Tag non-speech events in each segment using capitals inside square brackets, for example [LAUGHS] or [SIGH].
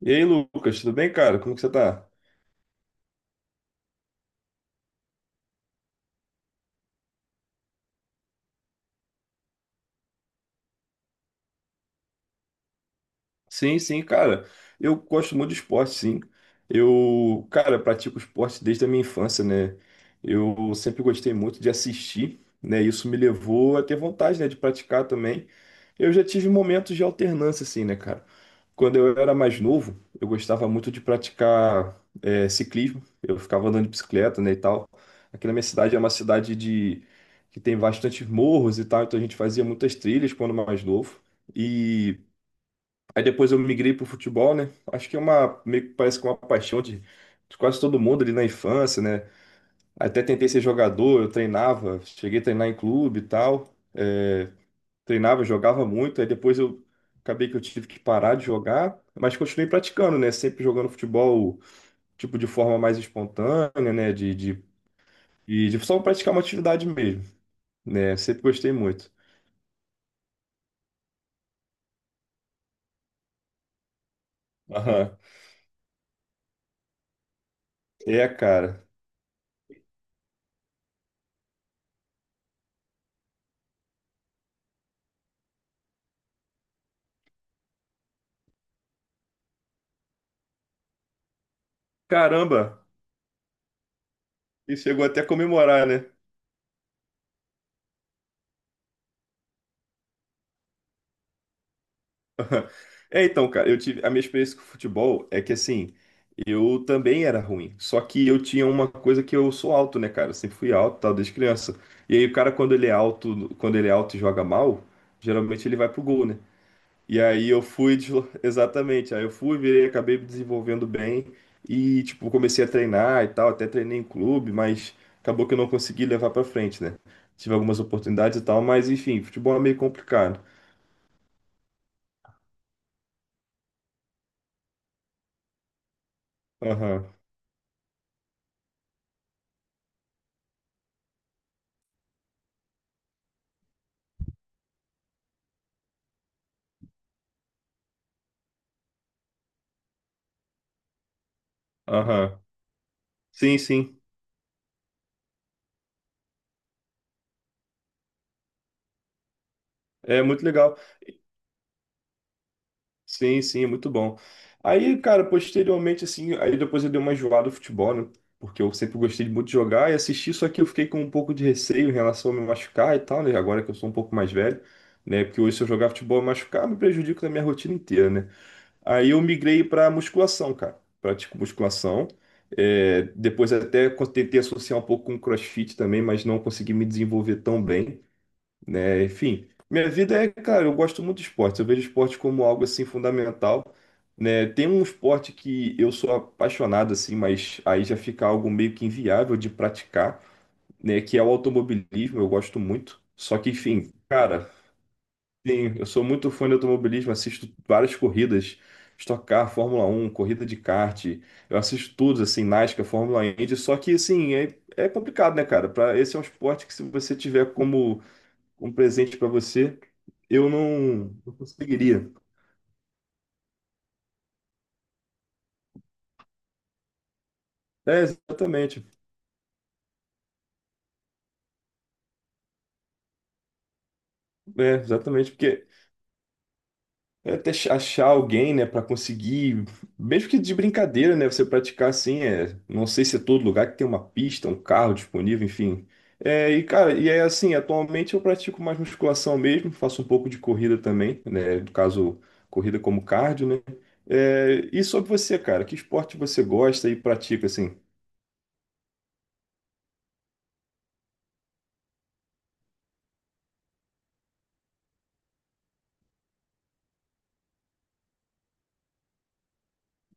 E aí, Lucas, tudo bem, cara? Como que você tá? Sim, sim, cara. Eu gosto muito de esporte, sim. Eu, cara, pratico esporte desde a minha infância, né? Eu sempre gostei muito de assistir, né? Isso me levou a ter vontade, né, de praticar também. Eu já tive momentos de alternância, assim, né, cara? Quando eu era mais novo, eu gostava muito de praticar ciclismo. Eu ficava andando de bicicleta, né, e tal. Aqui na minha cidade é uma cidade de que tem bastantes morros e tal, então a gente fazia muitas trilhas quando mais novo. E Aí depois eu migrei pro futebol, né? Acho que é uma, meio que parece que é uma paixão de quase todo mundo ali na infância, né? Até tentei ser jogador, eu treinava, cheguei a treinar em clube e tal. Treinava, jogava muito, aí depois eu acabei que eu tive que parar de jogar, mas continuei praticando, né? Sempre jogando futebol, tipo, de forma mais espontânea, né? E de só praticar uma atividade mesmo, né? Sempre gostei muito. Aham. É, cara. Caramba! E chegou até a comemorar, né? [LAUGHS] É, então, cara, eu tive a minha experiência com futebol é que assim, eu também era ruim, só que eu tinha uma coisa que eu sou alto, né, cara? Eu sempre fui alto, tal, desde criança. E aí o cara quando ele é alto, e joga mal, geralmente ele vai pro gol, né? E aí [LAUGHS] exatamente, aí eu fui, virei, acabei me desenvolvendo bem e tipo, comecei a treinar e tal, até treinei em clube, mas acabou que eu não consegui levar pra frente, né? Tive algumas oportunidades e tal, mas enfim, futebol é meio complicado. Aham. Aham. Sim, sim. É muito legal. Sim, sim, é muito bom. Aí, cara, posteriormente, assim, aí depois eu dei uma enjoada no futebol, né? Porque eu sempre gostei muito de jogar e assistir, só que eu fiquei com um pouco de receio em relação a me machucar e tal, né? Agora que eu sou um pouco mais velho, né? Porque hoje se eu jogar futebol e machucar, me prejudico na minha rotina inteira, né? Aí eu migrei pra musculação, cara. Pratico musculação. É, depois tentei associar um pouco com CrossFit também, mas não consegui me desenvolver tão bem, né? Enfim, minha vida é, cara, eu gosto muito de esporte. Eu vejo esporte como algo assim fundamental, né? Tem um esporte que eu sou apaixonado assim, mas aí já fica algo meio que inviável de praticar, né? Que é o automobilismo. Eu gosto muito. Só que, enfim, cara, sim, eu sou muito fã de automobilismo. Assisto várias corridas. Stock Car, Fórmula Um, corrida de kart, eu assisto tudo, assim, NASCAR, Fórmula Indy, só que, assim, é, é complicado, né, cara? Esse é um esporte que se você tiver como um presente para você, eu não conseguiria. É, exatamente. É, exatamente, porque é achar alguém, né, para conseguir, mesmo que de brincadeira, né, você praticar assim, é, não sei se é todo lugar que tem uma pista, um carro disponível, enfim. É, e cara, e é assim, atualmente eu pratico mais musculação mesmo, faço um pouco de corrida também, né, no caso, corrida como cardio, né? É, e sobre você, cara, que esporte você gosta e pratica assim?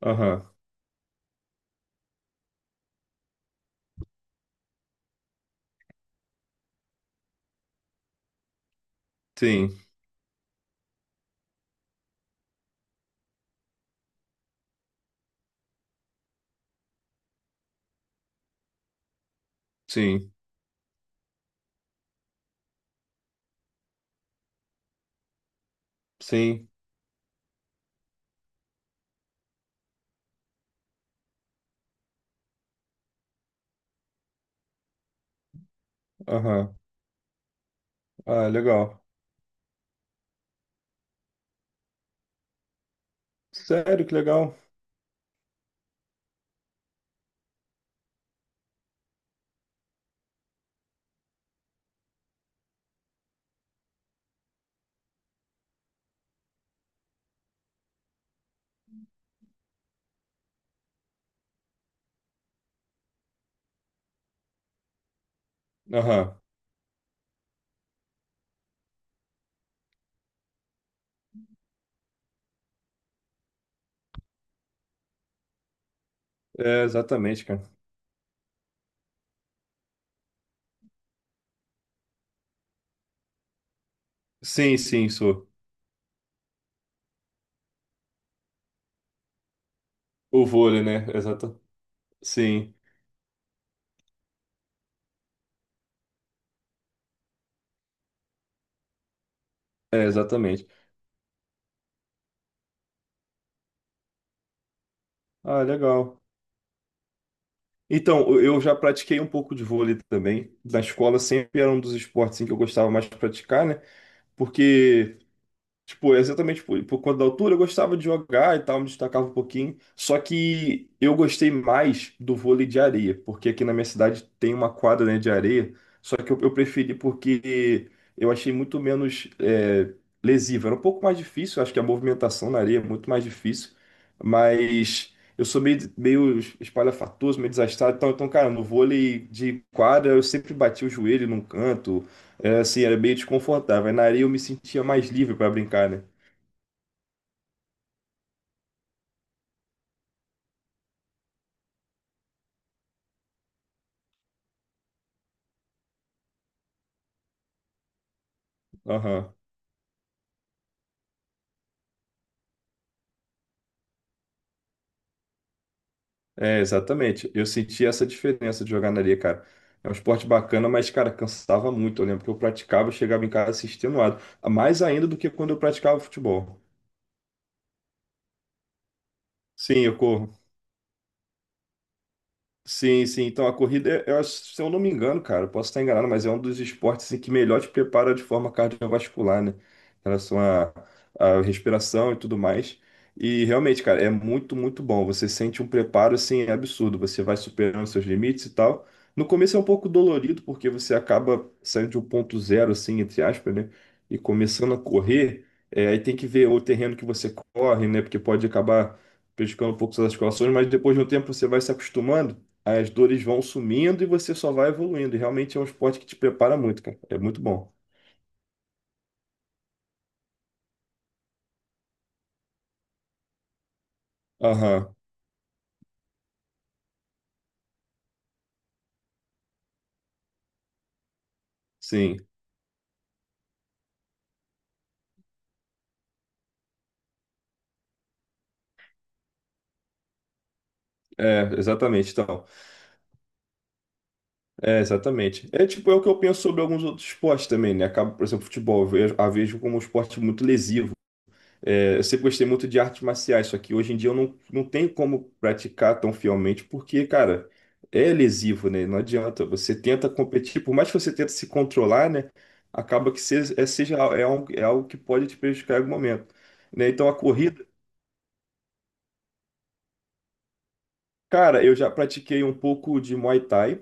Aham. Sim, sim, sim. Aham. Ah, legal. Sério, que legal. Aham. É, exatamente, cara. Sim, sim, sou. O vôlei, né? Exato. Sim, é, exatamente. Ah, legal. Então, eu já pratiquei um pouco de vôlei também. Na escola sempre era um dos esportes assim, que eu gostava mais de praticar, né? Porque tipo, exatamente, tipo, por conta da altura, eu gostava de jogar e tal, me destacava um pouquinho. Só que eu gostei mais do vôlei de areia, porque aqui na minha cidade tem uma quadra, né, de areia. Só que eu preferi porque eu achei muito menos é, lesivo. Era um pouco mais difícil, acho que a movimentação na areia é muito mais difícil. Mas eu sou meio espalhafatoso, meio desastrado. Então, cara, no vôlei de quadra eu sempre bati o joelho num canto, é, assim, era bem desconfortável. Aí na areia eu me sentia mais livre para brincar, né? Aham. É, exatamente. Eu senti essa diferença de jogar na areia, cara. É um esporte bacana, mas, cara, cansava muito. Eu lembro que eu praticava, eu chegava em casa assim, extenuado. Mais ainda do que quando eu praticava futebol. Sim, eu corro. Sim, sim. Então a corrida, é- eu acho- se eu não me engano, cara, eu posso estar enganado, mas é um dos esportes em que melhor te prepara de forma cardiovascular, né? Em relação à respiração e tudo mais. E realmente, cara, é muito, muito bom. Você sente um preparo assim absurdo. Você vai superando seus limites e tal. No começo é um pouco dolorido, porque você acaba saindo de um ponto zero, assim, entre aspas, né? E começando a correr, é, aí tem que ver o terreno que você corre, né? Porque pode acabar prejudicando um pouco suas articulações, mas depois de um tempo você vai se acostumando, as dores vão sumindo e você só vai evoluindo. E realmente é um esporte que te prepara muito, cara. É muito bom. Aham, sim. É, exatamente. Então, é, exatamente. É tipo, é o que eu penso sobre alguns outros esportes também, né? Acaba, por exemplo, futebol, eu vejo- a vejo como um esporte muito lesivo. É, eu sempre gostei muito de artes marciais, só que hoje em dia eu não tenho como praticar tão fielmente, porque, cara, é lesivo, né? Não adianta. Você tenta competir, por mais que você tente se controlar, né? Acaba que é algo que pode te prejudicar em algum momento. Né? Então a corrida. Cara, eu já pratiquei um pouco de Muay Thai,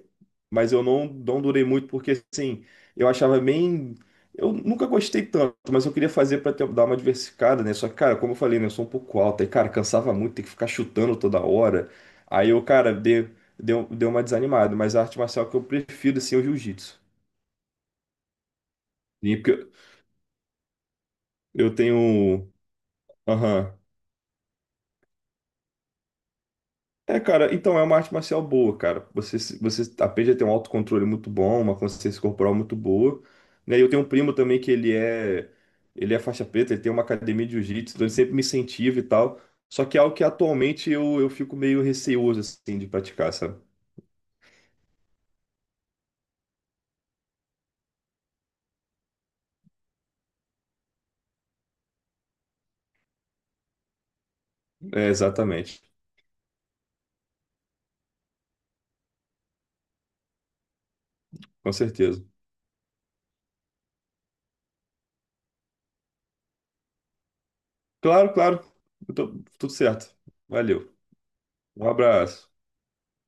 mas eu não durei muito porque, assim, eu achava bem. Eu nunca gostei tanto, mas eu queria fazer pra dar uma diversificada, né? Só que, cara, como eu falei, né? Eu sou um pouco alto, aí, cara, cansava muito, tem que ficar chutando toda hora. Aí eu, cara, deu uma desanimada, mas a arte marcial que eu prefiro, assim, é o jiu-jitsu. E Porque eu tenho. Aham. É, cara, então é uma arte marcial boa, cara. Você, se- você aprende a ter um autocontrole muito bom, uma consciência corporal muito boa, né? Eu tenho um primo também ele é faixa preta, ele tem uma academia de jiu-jitsu, então ele sempre me incentiva e tal. Só que é algo que atualmente eu fico meio receoso, assim, de praticar, sabe? É, exatamente, com certeza. Claro, claro, tudo certo. Valeu, um abraço.